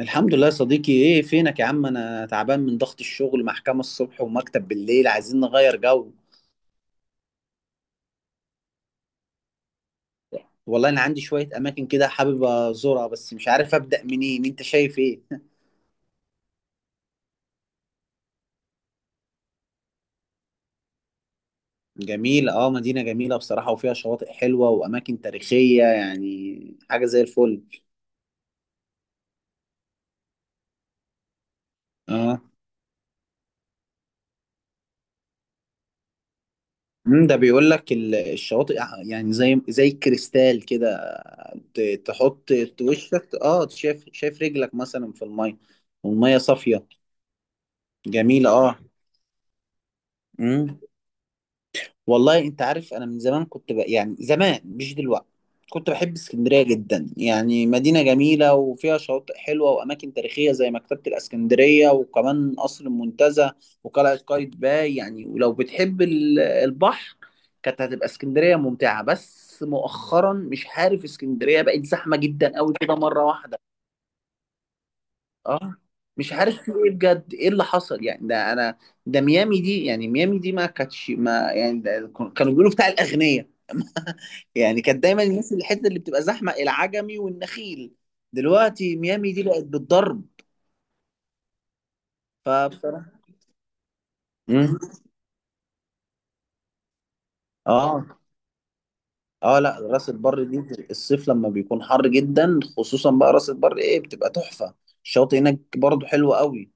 الحمد لله يا صديقي، ايه فينك يا عم؟ انا تعبان من ضغط الشغل، محكمة الصبح ومكتب بالليل، عايزين نغير جو. والله انا عندي شوية اماكن كده حابب ازورها بس مش عارف ابدأ منين، انت شايف ايه؟ جميل، اه مدينة جميلة بصراحة وفيها شواطئ حلوة واماكن تاريخية يعني حاجة زي الفل. اه. ده بيقول لك الشواطئ، يعني زي الكريستال كده. تحط وشك، اه، شايف رجلك مثلا في المية والمية صافية. جميلة. اه، والله انت عارف انا من زمان كنت يعني زمان مش دلوقتي، كنت بحب اسكندرية جدا، يعني مدينة جميلة وفيها شواطئ حلوة وأماكن تاريخية زي مكتبة الإسكندرية وكمان قصر المنتزه وقلعة قايتباي، يعني ولو بتحب البحر كانت هتبقى اسكندرية ممتعة. بس مؤخرا مش عارف، اسكندرية بقت زحمة جدا أوي كده مرة واحدة. اه. مش عارف في ايه بجد، ايه اللي حصل يعني؟ ده انا، ده ميامي دي، يعني ميامي دي ما كانتش، ما يعني ده كانوا بيقولوا بتاع الأغنياء. يعني كانت دايما الناس اللي الحته اللي بتبقى زحمه العجمي والنخيل، دلوقتي ميامي دي بقت بالضرب. فبصراحه. مم. اه. اه. لا راس البر دي الصيف لما بيكون حر جدا خصوصا بقى راس البر ايه بتبقى تحفه، الشاطئ هناك برضو حلو قوي.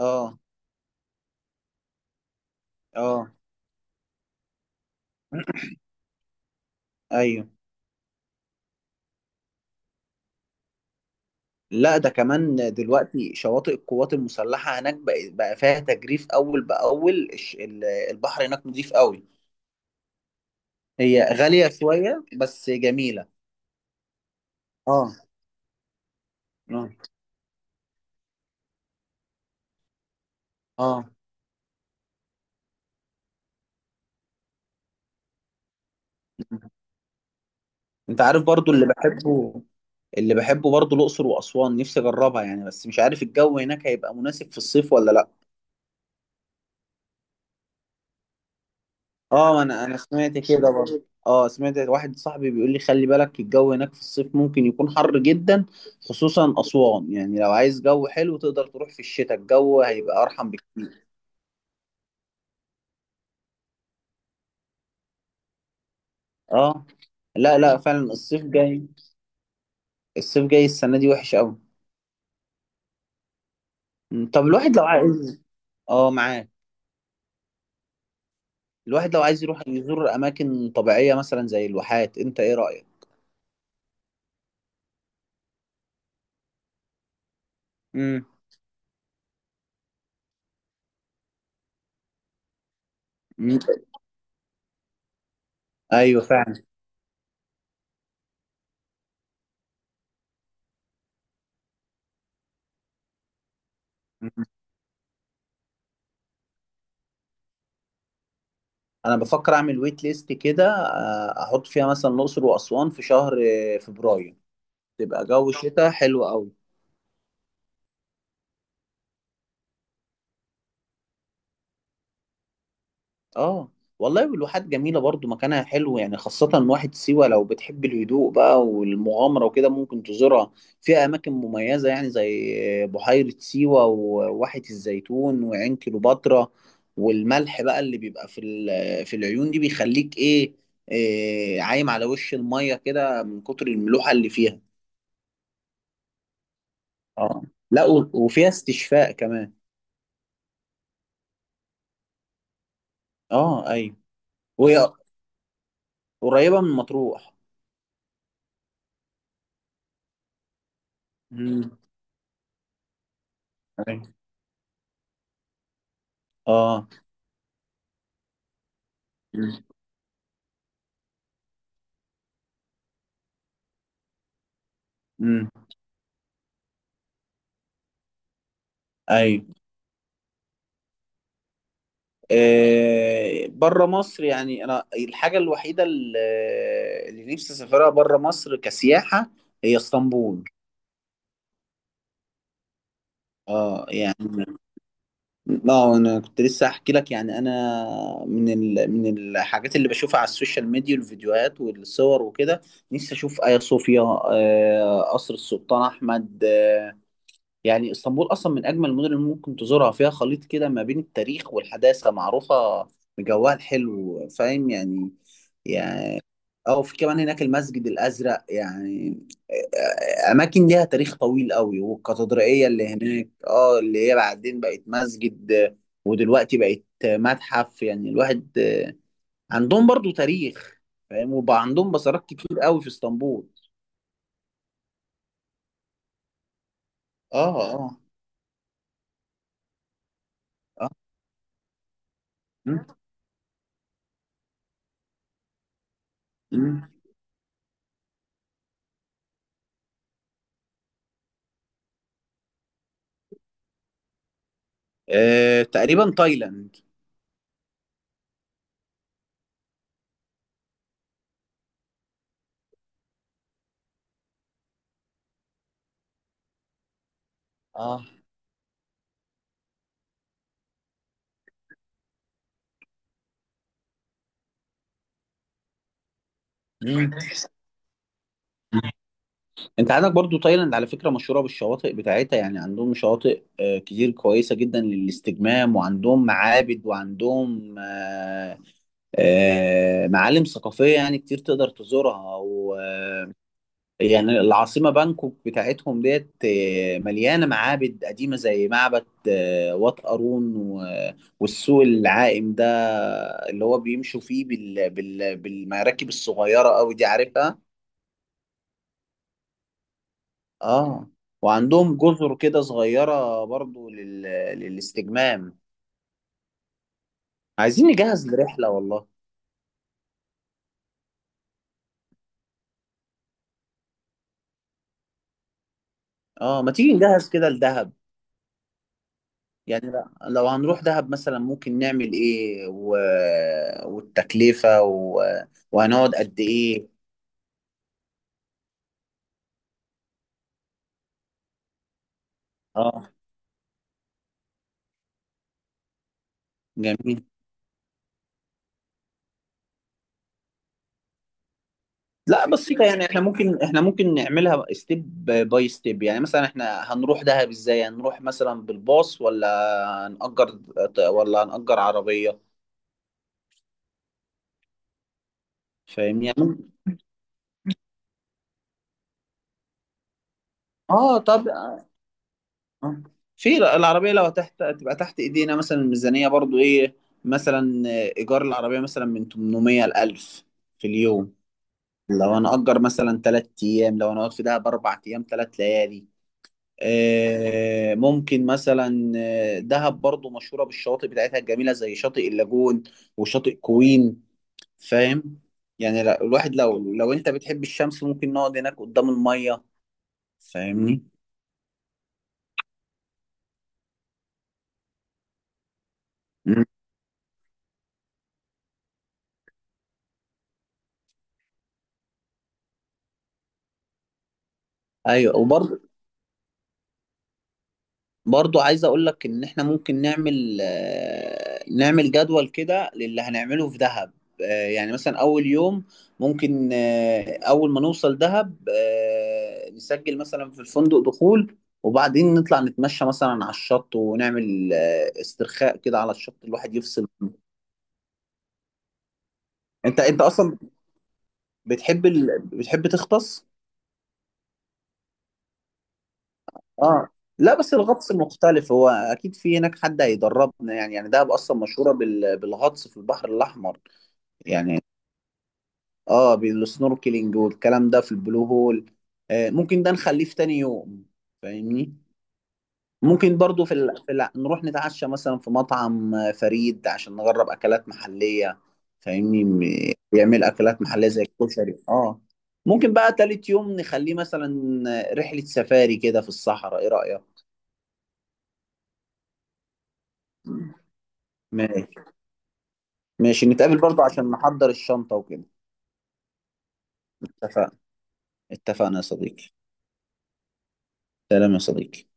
اه اه. ايوه. لا ده كمان دلوقتي شواطئ القوات المسلحه هناك بقى، بقى فيها تجريف اول باول، البحر هناك نضيف قوي، هي غاليه شويه بس جميله. اه. اه. اه. انت عارف برضو اللي بحبه، اللي بحبه برضو الاقصر واسوان، نفسي اجربها يعني بس مش عارف الجو هناك هيبقى مناسب في الصيف ولا لا. اه، انا سمعت كده برضو، اه سمعت واحد صاحبي بيقول لي خلي بالك الجو هناك في الصيف ممكن يكون حر جدا، خصوصا اسوان، يعني لو عايز جو حلو تقدر تروح في الشتاء، الجو هيبقى ارحم بكتير. اه. لا فعلا الصيف جاي، الصيف جاي السنه دي وحش قوي. طب الواحد لو عايز، اه معاك، الواحد لو عايز يروح يزور اماكن طبيعيه مثلا زي الواحات، انت ايه رايك؟ امم. ايوه فعلا. مم. انا بفكر اعمل ويت ليست كده، احط فيها مثلا الاقصر واسوان في شهر فبراير، تبقى جو شتاء حلو قوي. اه، والله والواحات جميلة برضو، مكانها حلو يعني، خاصة واحد سيوة لو بتحب الهدوء بقى والمغامرة وكده ممكن تزورها، فيها أماكن مميزة يعني زي بحيرة سيوة وواحة الزيتون وعين كليوباترا، والملح بقى اللي بيبقى في ال- في العيون دي بيخليك إيه، إيه عايم على وش المية كده من كتر الملوحة اللي فيها. اه، لا وفيها استشفاء كمان. اه أيوة. وهي قريبة من مطروح. امم. أيوة. اه. مم. ايوه. آه، بره مصر يعني انا الحاجه الوحيده اللي، اللي نفسي اسافرها بره مصر كسياحه، هي اسطنبول. اه يعني، اه انا كنت لسه احكي لك يعني انا من من الحاجات اللي بشوفها على السوشيال ميديا والفيديوهات والصور وكده، نفسي اشوف ايا صوفيا، آه قصر السلطان احمد، آه يعني اسطنبول اصلا من اجمل المدن اللي ممكن تزورها، فيها خليط كده ما بين التاريخ والحداثه، معروفه بجوها الحلو فاهم يعني، يعني او في كمان هناك المسجد الازرق، يعني اماكن ليها تاريخ طويل قوي، والكاتدرائيه اللي هناك اه اللي هي بعدين بقت مسجد ودلوقتي بقت متحف، يعني الواحد عندهم برضو تاريخ فاهم، وبقى عندهم بصرات كتير قوي في اسطنبول. اه اه اه, آه. تقريبا تايلاند. اه. مم. انت عندك برضو تايلاند على فكرة مشهورة بالشواطئ بتاعتها، يعني عندهم شواطئ كتير كويسة جدا للاستجمام، وعندهم معابد وعندهم معالم ثقافية يعني كتير تقدر تزورها و يعني العاصمة بانكوك بتاعتهم ديت مليانة معابد قديمة زي معبد وات ارون والسوق العائم ده اللي هو بيمشوا فيه بالمراكب الصغيرة قوي دي عارفها. اه. وعندهم جزر كده صغيرة برضو للاستجمام. عايزين نجهز لرحلة والله. اه، ما تيجي نجهز كده لدهب؟ يعني لو هنروح دهب مثلا ممكن نعمل ايه، والتكلفة، وهنقعد قد ايه؟ اه. جميل. لا بسيطة يعني، احنا ممكن، احنا ممكن نعملها ستيب باي ستيب، يعني مثلا احنا هنروح دهب ازاي؟ هنروح مثلا بالباص ولا هنأجر، ولا هنأجر عربية؟ فاهمني يعني. اه طب، آه، في العربية لو تحت تبقى تحت ايدينا، مثلا الميزانية برضو ايه، مثلا ايجار العربية مثلا من 800 ل 1000 في اليوم، لو انا اجر مثلا 3 ايام، لو انا اقعد في دهب 4 ايام 3 ليالي، ممكن مثلا، دهب برضو مشهورة بالشواطئ بتاعتها الجميلة زي شاطئ اللاجون وشاطئ كوين، فاهم يعني، الواحد لو، لو انت بتحب الشمس ممكن نقعد هناك قدام المية، فاهمني. مم. ايوه وبرضه، برضو عايز اقول لك ان احنا ممكن نعمل، نعمل جدول كده للي هنعمله في دهب، يعني مثلا اول يوم ممكن، اول ما نوصل دهب نسجل مثلا في الفندق دخول، وبعدين نطلع نتمشى مثلا على الشط ونعمل استرخاء كده على الشط الواحد يفصل. انت اصلا بتحب بتحب تغطس؟ اه لا، بس الغطس مختلف، هو اكيد في هناك حد هيدربنا يعني، يعني دهب اصلا مشهورة بالغطس في البحر الاحمر يعني، اه بالسنوركلينج والكلام ده في البلو هول. آه ممكن ده نخليه في تاني يوم، فاهمني. ممكن برضو في، نروح نتعشى مثلا في مطعم فريد عشان نجرب اكلات محلية، فاهمني، بيعمل اكلات محلية زي الكشري اه. ممكن بقى تالت يوم نخليه مثلا رحلة سفاري كده في الصحراء، ايه رأيك؟ ماشي. ماشي نتقابل برضو عشان نحضر الشنطة وكده. اتفقنا. اتفقنا يا صديقي. سلام يا صديقي.